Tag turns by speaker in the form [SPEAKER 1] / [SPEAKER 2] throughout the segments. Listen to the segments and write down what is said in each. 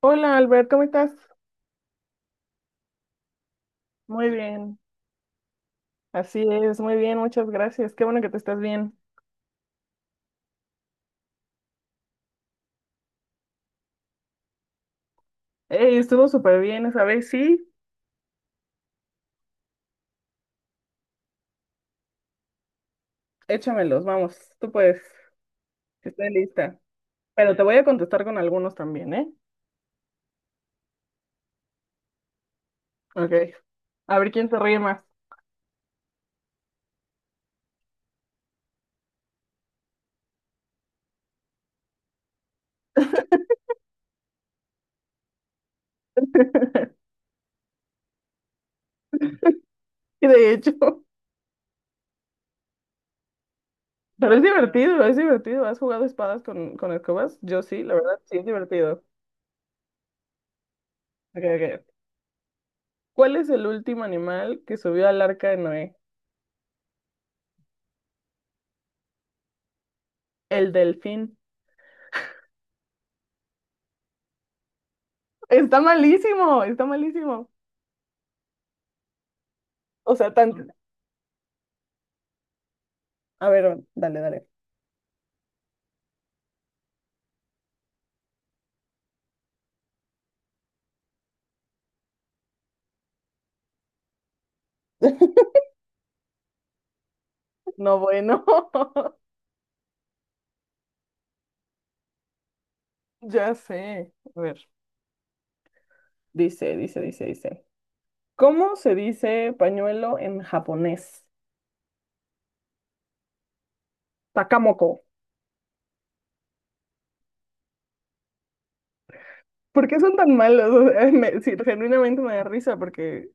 [SPEAKER 1] Hola Albert, ¿cómo estás? Muy bien, así es, muy bien, muchas gracias. Qué bueno que te estás bien. Ey, estuvo súper bien esa vez, sí. Échamelos, vamos, tú puedes, estoy lista. Pero te voy a contestar con algunos también, ¿eh? Ok, a ver quién se ríe más. Y de hecho, pero es divertido, es divertido. ¿Has jugado espadas con escobas? Yo sí, la verdad, sí es divertido. Ok, ok. ¿Cuál es el último animal que subió al arca de Noé? El delfín. Está malísimo, está malísimo. O sea, tan, a ver, dale, dale. No, bueno, ya sé. A ver, Dice. ¿Cómo se dice pañuelo en japonés? Takamoko. ¿Por qué son tan malos? O sea, sí, genuinamente me da risa porque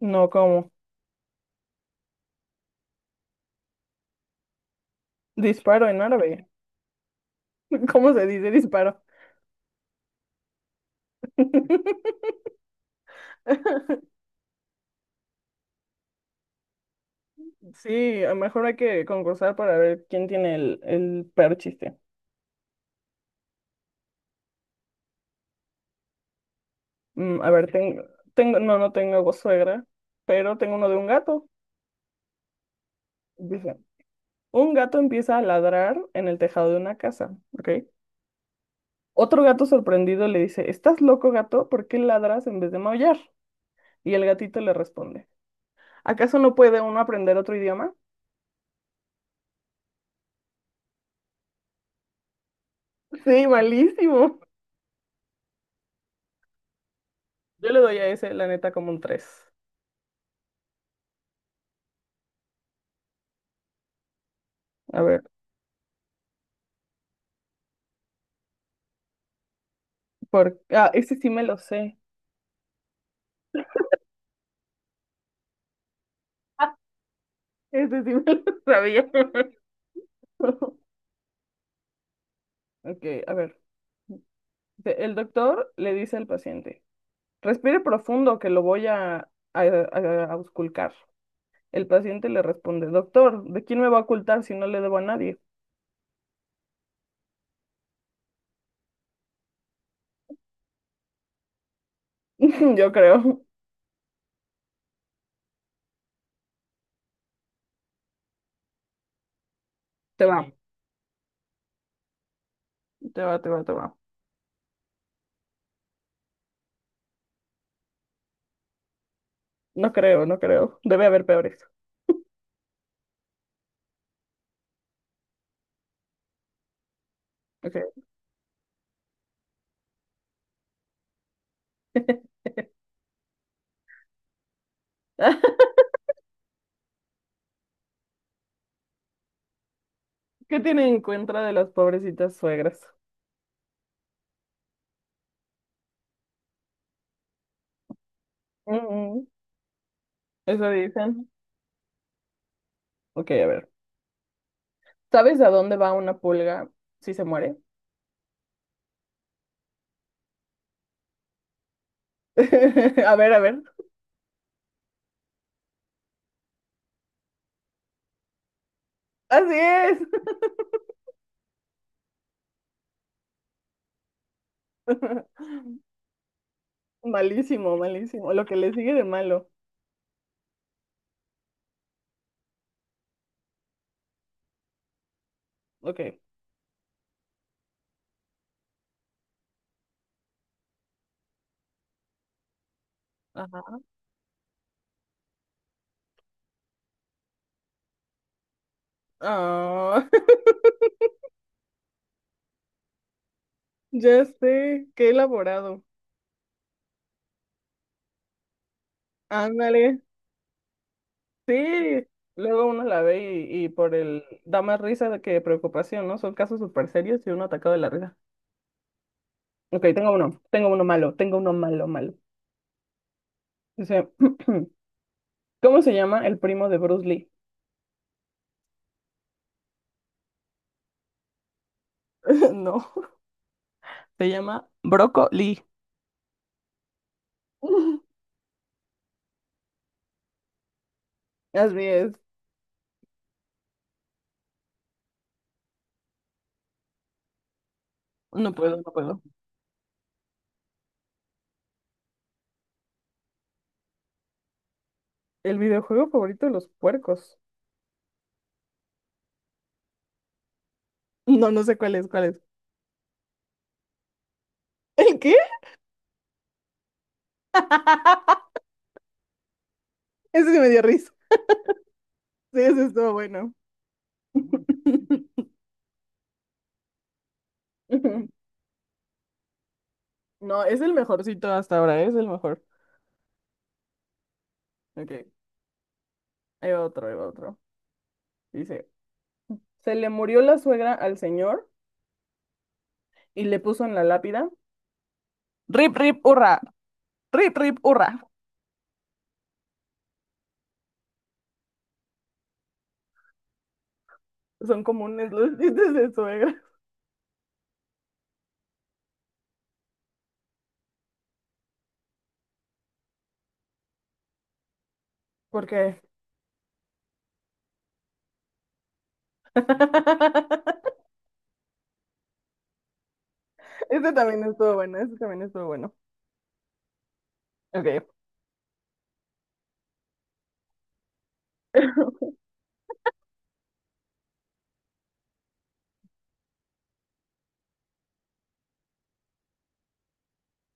[SPEAKER 1] no, ¿cómo? Disparo en árabe. ¿Cómo se dice disparo? Sí, a lo mejor hay que concursar para ver quién tiene el peor chiste. Mm, a ver, tengo, tengo, no, no tengo suegra, pero tengo uno de un gato. Dice. Un gato empieza a ladrar en el tejado de una casa, ¿ok? Otro gato sorprendido le dice, ¿estás loco, gato? ¿Por qué ladras en vez de maullar? Y el gatito le responde, ¿acaso no puede uno aprender otro idioma? Sí, malísimo. Yo le doy a ese, la neta, como un tres. A ver, por... Ah, ese sí me lo sé. Ah, ese sí me lo sabía. Ok, a ver. Dice, el doctor le dice al paciente, respire profundo que lo voy a ausculcar. El paciente le responde, doctor, ¿de quién me va a ocultar si no le debo a nadie? Yo creo. Te va, te va, te va, te va. No creo, no creo. Debe haber peores. Okay. ¿Qué tienen en contra de las pobrecitas suegras? Mm, eso dicen. Ok, a ver. ¿Sabes a dónde va una pulga si se muere? A ver, a ver. Así es. Malísimo, malísimo. Lo que le sigue de malo. Ok. Ajá. Ah, ya sé, qué elaborado. Ándale. Sí, luego uno la ve y por el da más risa que preocupación, ¿no? Son casos súper serios y uno atacado de la risa. Ok, tengo uno malo, malo. Dice, ¿cómo se llama el primo de Bruce Lee? No, se llama Brócoli. Así es. No puedo, no puedo. El videojuego favorito de los puercos. No, no sé cuál es, cuál es. ¿El qué? Ese sí me dio risa. Sí, ese estuvo bueno. No, es el mejorcito hasta ahora, es el mejor. Ok, ahí va otro, ahí va otro. Dice, se le murió la suegra al señor y le puso en la lápida, rip, rip, hurra. Rip, rip, hurra. Son comunes los chistes de suegra. Porque este también estuvo bueno, este también estuvo bueno. Ok.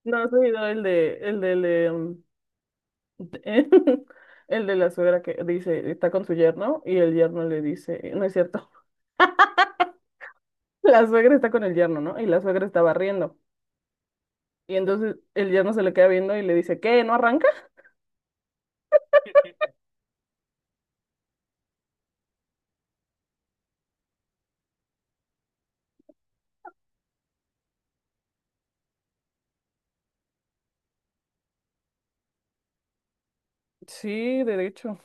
[SPEAKER 1] No, has oído el de, el de, el de, de el de la suegra que dice, está con su yerno y el yerno le dice, no es cierto, la suegra está con el yerno, ¿no? Y la suegra está barriendo. Y entonces el yerno se le queda viendo y le dice, ¿qué? ¿No arranca? Sí, derecho.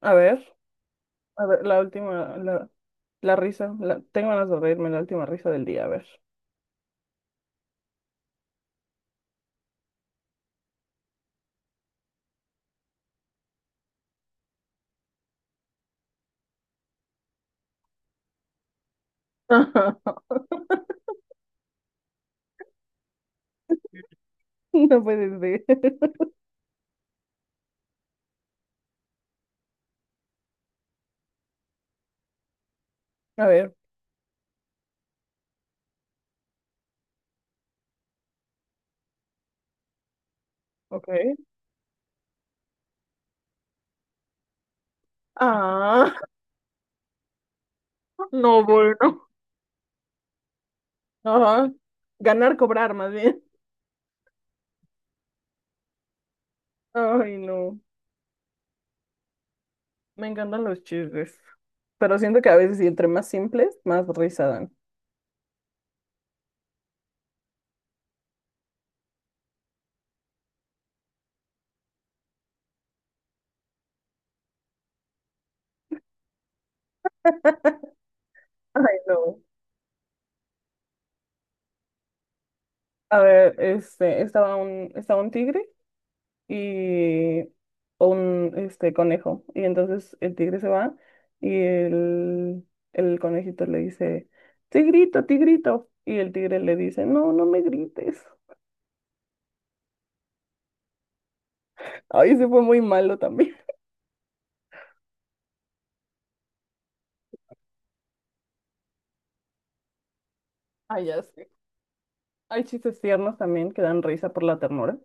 [SPEAKER 1] A ver. A ver, la última, la risa. Tengo ganas de reírme, la última risa del día, a ver. No puedes decir. A ver, ok. Ah, no, bueno. Ajá. Ganar, cobrar, más bien. Ay, no. Me encantan los chistes. Pero siento que a veces, y entre más simples, más risa dan. Ay, no. A ver, este, estaba un tigre. Y o un este conejo. Y entonces el tigre se va y el conejito le dice, tigrito, tigrito. Y el tigre le dice, no, no me grites. Ay, se fue muy malo también. Ay, ya sé. Hay chistes tiernos también que dan risa por la ternura.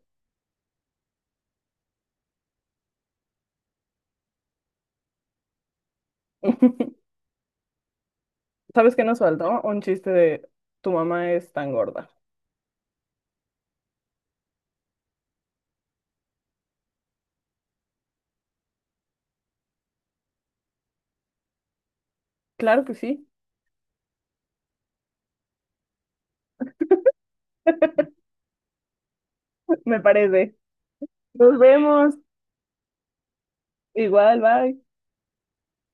[SPEAKER 1] ¿Sabes qué nos faltó? Un chiste de tu mamá es tan gorda. Claro que sí, me parece. Nos vemos. Igual, bye.